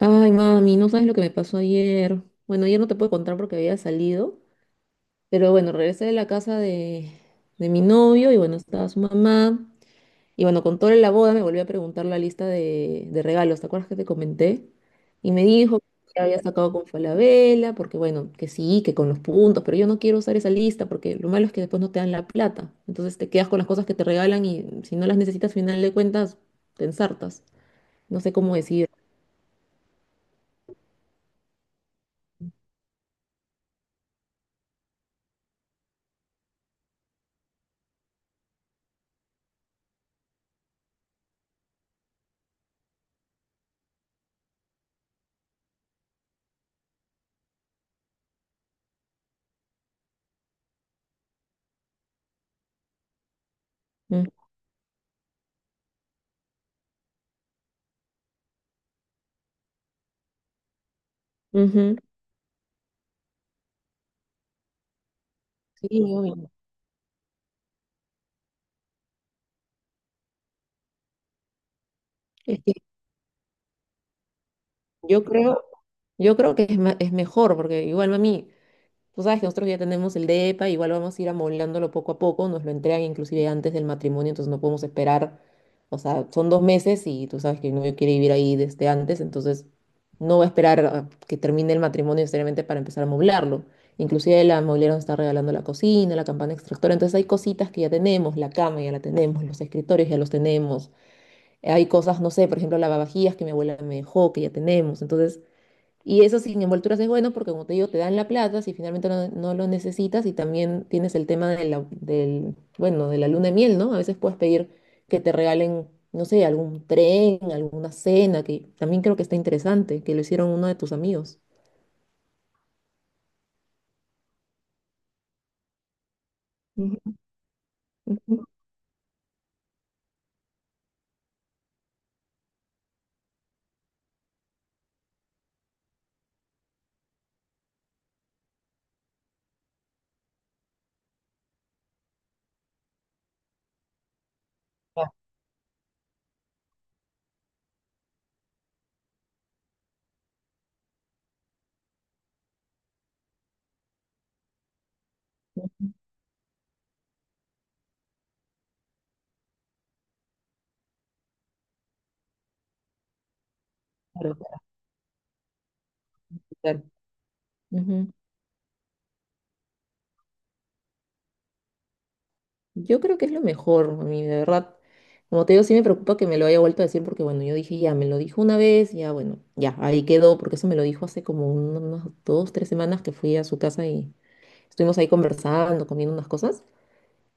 Ay, mami, no sabes lo que me pasó ayer. Bueno, ayer no te puedo contar porque había salido, pero bueno, regresé de la casa de mi novio y bueno, estaba su mamá. Y bueno, con toda la boda me volvió a preguntar la lista de regalos, ¿te acuerdas que te comenté? Y me dijo que había sacado con Falabella, porque bueno, que sí, que con los puntos, pero yo no quiero usar esa lista porque lo malo es que después no te dan la plata. Entonces te quedas con las cosas que te regalan y si no las necesitas, al final de cuentas, te ensartas. No sé cómo decir. Mm. Ujú. Sí, obvio. Es que yo creo, yo creo que es mejor, porque igual, mami, tú sabes que nosotros ya tenemos el DEPA, igual vamos a ir amoblándolo poco a poco, nos lo entregan inclusive antes del matrimonio, entonces no podemos esperar, o sea, son 2 meses y tú sabes que no quiere vivir ahí desde antes, entonces no va a esperar a que termine el matrimonio necesariamente para empezar a amoblarlo. Inclusive la mobiliaria nos está regalando la cocina, la campana extractora, entonces hay cositas que ya tenemos, la cama ya la tenemos, los escritorios ya los tenemos, hay cosas, no sé, por ejemplo, lavavajillas que mi abuela me dejó, que ya tenemos, entonces. Y eso sin envolturas es bueno porque, como te digo, te dan la plata si finalmente no lo necesitas y también tienes el tema de la, del, bueno, de la luna de miel, ¿no? A veces puedes pedir que te regalen, no sé, algún tren, alguna cena, que también creo que está interesante, que lo hicieron uno de tus amigos. Ujú. Ah, claro, claro, claro. Ujú. Yo creo que es lo mejor, a mí, de verdad. Como te digo, sí me preocupa que me lo haya vuelto a decir porque, bueno, yo dije, ya, me lo dijo una vez, ya, bueno, ya, ahí quedó, porque eso me lo dijo hace como unas dos, tres semanas que fui a su casa y estuvimos ahí conversando, comiendo unas cosas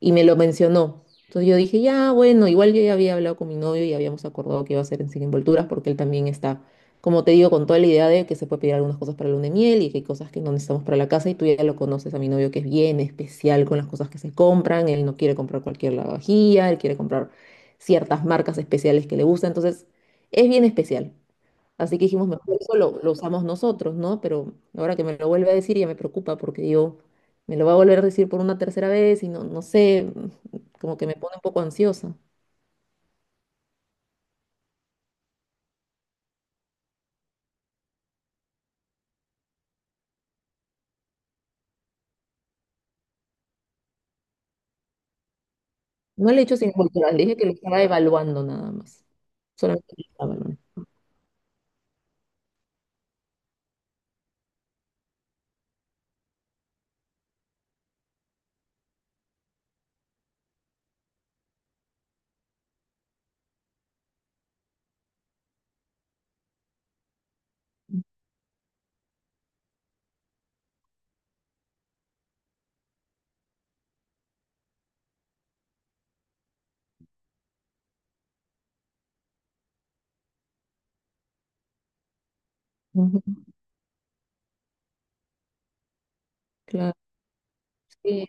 y me lo mencionó. Entonces yo dije, ya, bueno, igual yo ya había hablado con mi novio y habíamos acordado que iba a ser en sin envolturas porque él también está, como te digo, con toda la idea de que se puede pedir algunas cosas para el luna de miel y que hay cosas que no necesitamos para la casa y tú ya lo conoces a mi novio que es bien especial con las cosas que se compran, él no quiere comprar cualquier lavavajilla, él quiere comprar ciertas marcas especiales que le gustan, entonces es bien especial. Así que dijimos, mejor eso lo usamos nosotros, ¿no? Pero ahora que me lo vuelve a decir ya me preocupa porque yo me lo va a volver a decir por una tercera vez y no sé, como que me pone un poco ansiosa. No le he hecho sin cultura, le dije que lo estaba evaluando nada más. Solamente lo estaba evaluando. Ujú. Claro. Sí.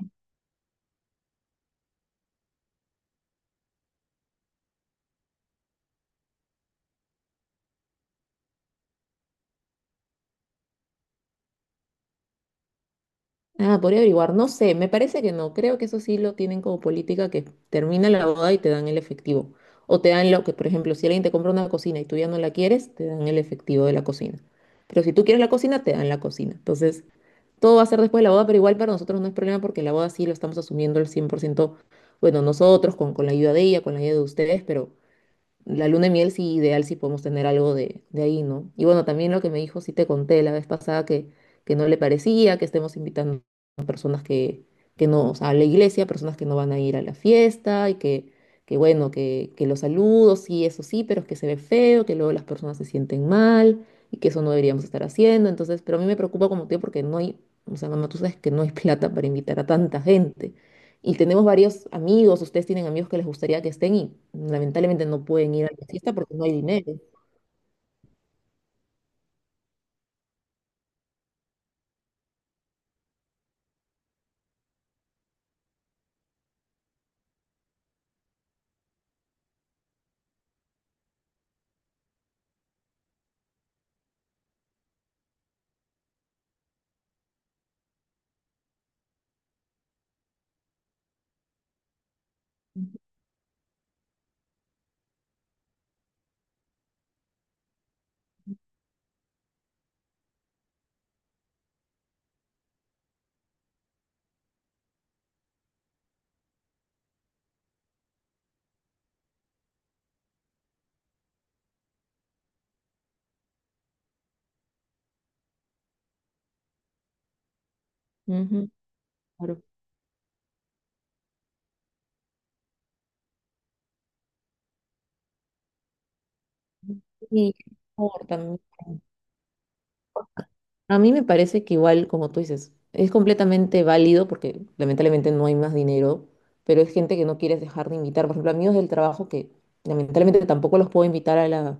Ah, podría averiguar, no sé, me parece que no, creo que eso sí lo tienen como política que termina la boda y te dan el efectivo. O te dan lo que, por ejemplo, si alguien te compra una cocina y tú ya no la quieres, te dan el efectivo de la cocina. Pero si tú quieres la cocina, te dan la cocina. Entonces, todo va a ser después de la boda, pero igual para nosotros no es problema porque la boda sí lo estamos asumiendo al 100%. Bueno, nosotros, con la ayuda de ella, con la ayuda de ustedes, pero la luna de miel sí, ideal si podemos tener algo de ahí, ¿no? Y bueno, también lo que me dijo, sí te conté la vez pasada que no le parecía que estemos invitando a personas que no, o sea, a la iglesia, personas que no van a ir a la fiesta y que bueno, que los saludos, sí, eso sí, pero es que se ve feo, que luego las personas se sienten mal y que eso no deberíamos estar haciendo. Entonces, pero a mí me preocupa como tío porque no hay, o sea, mamá, tú sabes que no hay plata para invitar a tanta gente. Y tenemos varios amigos, ustedes tienen amigos que les gustaría que estén y lamentablemente no pueden ir a la fiesta porque no hay dinero. Ujú, claro. Y por también. A mí me parece que igual, como tú dices, es completamente válido porque lamentablemente no hay más dinero, pero es gente que no quieres dejar de invitar. Por ejemplo, amigos del trabajo que lamentablemente tampoco los puedo invitar a la,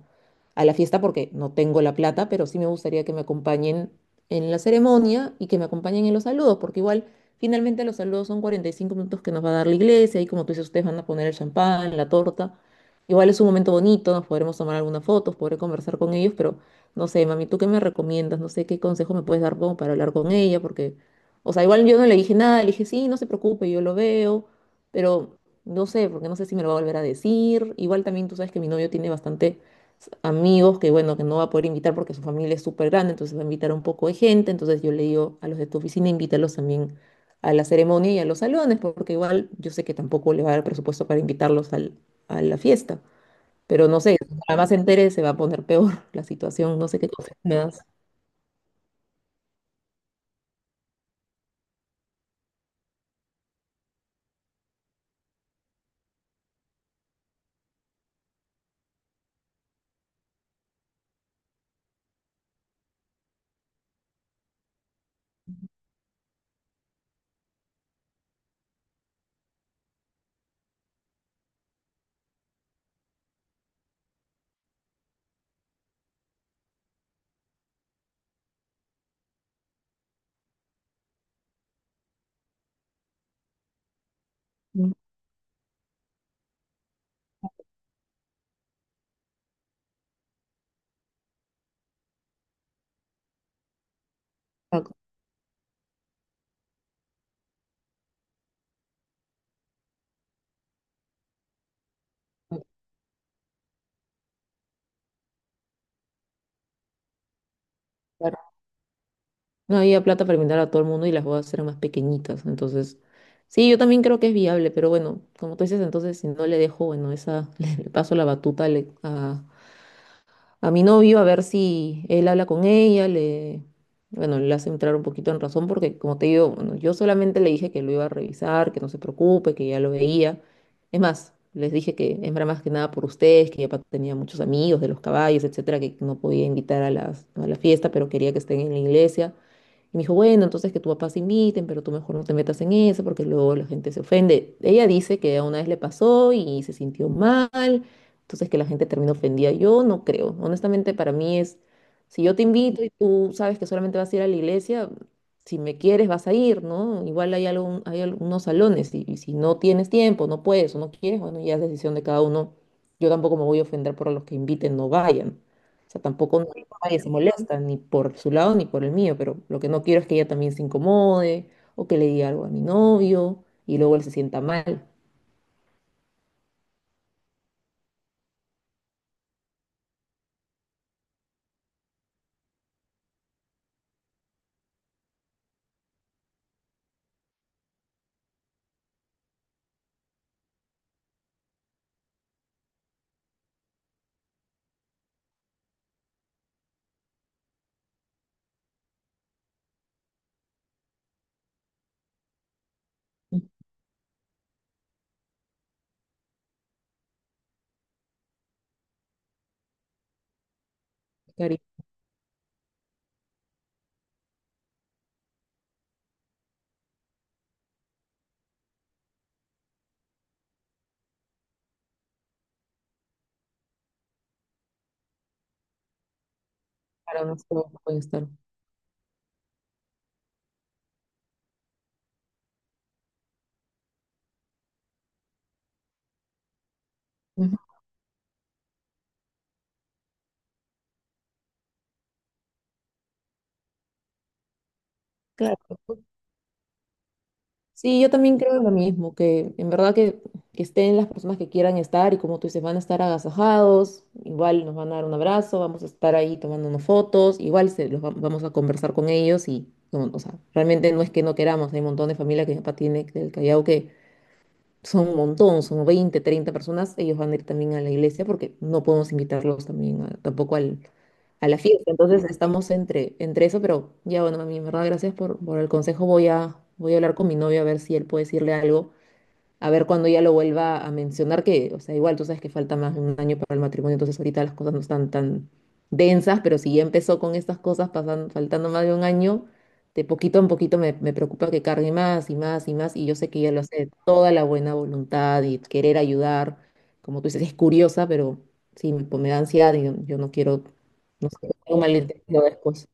a la fiesta porque no tengo la plata, pero sí me gustaría que me acompañen en la ceremonia y que me acompañen en los saludos, porque igual finalmente los saludos son 45 minutos que nos va a dar la iglesia y como tú dices, ustedes van a poner el champán, la torta. Igual es un momento bonito, nos podremos tomar algunas fotos, podré conversar con ellos. Pero... No sé, mami, ¿tú qué me recomiendas? No sé qué consejo me puedes dar como para hablar con ella, porque, o sea, igual yo no le dije nada, le dije, sí, no se preocupe, yo lo veo, pero no sé, porque no sé si me lo va a volver a decir. Igual también tú sabes que mi novio tiene bastante amigos que, bueno, que no va a poder invitar porque su familia es súper grande, entonces va a invitar a un poco de gente, entonces yo le digo a los de tu oficina, invítalos también a la ceremonia y a los salones, porque igual yo sé que tampoco le va a dar presupuesto para invitarlos a la fiesta. Pero no sé, para más se entere, se va a poner peor la situación, no sé qué cosas me das. Mm. Ah, claro. No había plata para invitar a todo el mundo y las bodas eran más pequeñitas, entonces sí, yo también creo que es viable, pero bueno, como tú dices, entonces si no le dejo, bueno, esa le paso la batuta a mi novio a ver si él habla con ella, bueno, le hace entrar un poquito en razón porque, como te digo, bueno, yo solamente le dije que lo iba a revisar, que no se preocupe, que ya lo veía. Es más, les dije que era más que nada por ustedes, que ya tenía muchos amigos de los caballos, etcétera, que no podía invitar a la fiesta, pero quería que estén en la iglesia. Y me dijo, bueno, entonces que tu papá se inviten, pero tú mejor no te metas en eso porque luego la gente se ofende. Ella dice que una vez le pasó y se sintió mal, entonces que la gente terminó ofendida. Yo no creo. Honestamente, para mí es, si yo te invito y tú sabes que solamente vas a ir a la iglesia, si me quieres vas a ir, ¿no? Igual hay algunos salones y si no tienes tiempo, no puedes o no quieres, bueno, ya es decisión de cada uno. Yo tampoco me voy a ofender por los que inviten, no vayan. O sea, tampoco no digo, nadie se molesta, ni por su lado ni por el mío, pero lo que no quiero es que ella también se incomode o que le diga algo a mi novio y luego él se sienta mal. Ujú. Cari- claro, no sé cómo pueden estar. Ujú. Claro. Sí, yo también creo lo mismo, que en verdad que estén las personas que quieran estar y como tú dices, van a estar agasajados, igual nos van a dar un abrazo, vamos a estar ahí tomándonos fotos, igual vamos a conversar con ellos y, como, o sea, realmente no es que no queramos, hay un montón de familia que mi papá tiene del Callao que son un montón, son 20, 30 personas, ellos van a ir también a la iglesia porque no podemos invitarlos también tampoco a la fiesta. Entonces estamos entre eso, pero ya bueno, mami, en verdad, gracias por el consejo. Voy a hablar con mi novio a ver si él puede decirle algo a ver cuando ya lo vuelva a mencionar, que, o sea, igual tú sabes que falta más de un año para el matrimonio, entonces ahorita las cosas no están tan densas, pero si ya empezó con estas cosas pasando, faltando más de un año, de poquito en poquito me preocupa que cargue más y más y más, y yo sé que ella lo hace de toda la buena voluntad y querer ayudar, como tú dices, es curiosa, pero sí, pues me da ansiedad y yo no quiero, no sé, un malentendido después.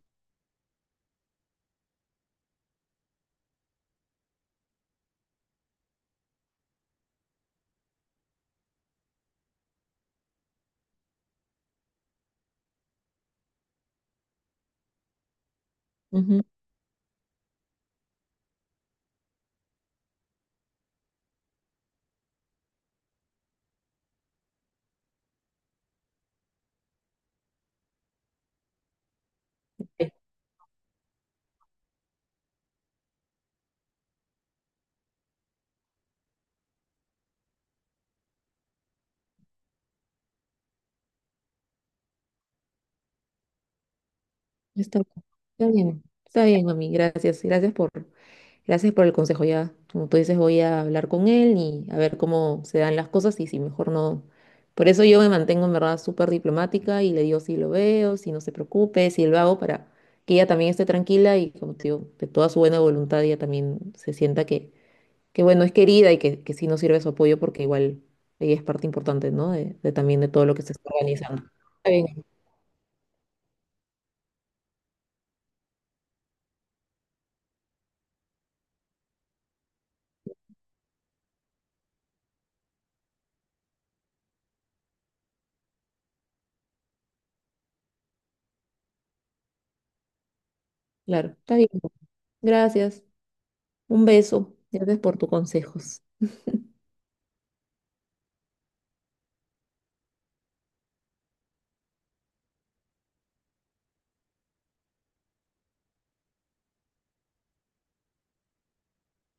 Ujú. Está bien, está bien, mami. Gracias por el consejo. Ya, como tú dices, voy a hablar con él y a ver cómo se dan las cosas y si mejor no. Por eso yo me mantengo en verdad súper diplomática y le digo si lo veo, si no se preocupe, si lo hago para que ella también esté tranquila y como te digo, de toda su buena voluntad ella también se sienta que bueno, es querida y que sí nos sirve su apoyo porque igual ella es parte importante, ¿no? De también de todo lo que se está organizando. Está bien, claro, está bien. Gracias. Un beso. Gracias por tus consejos.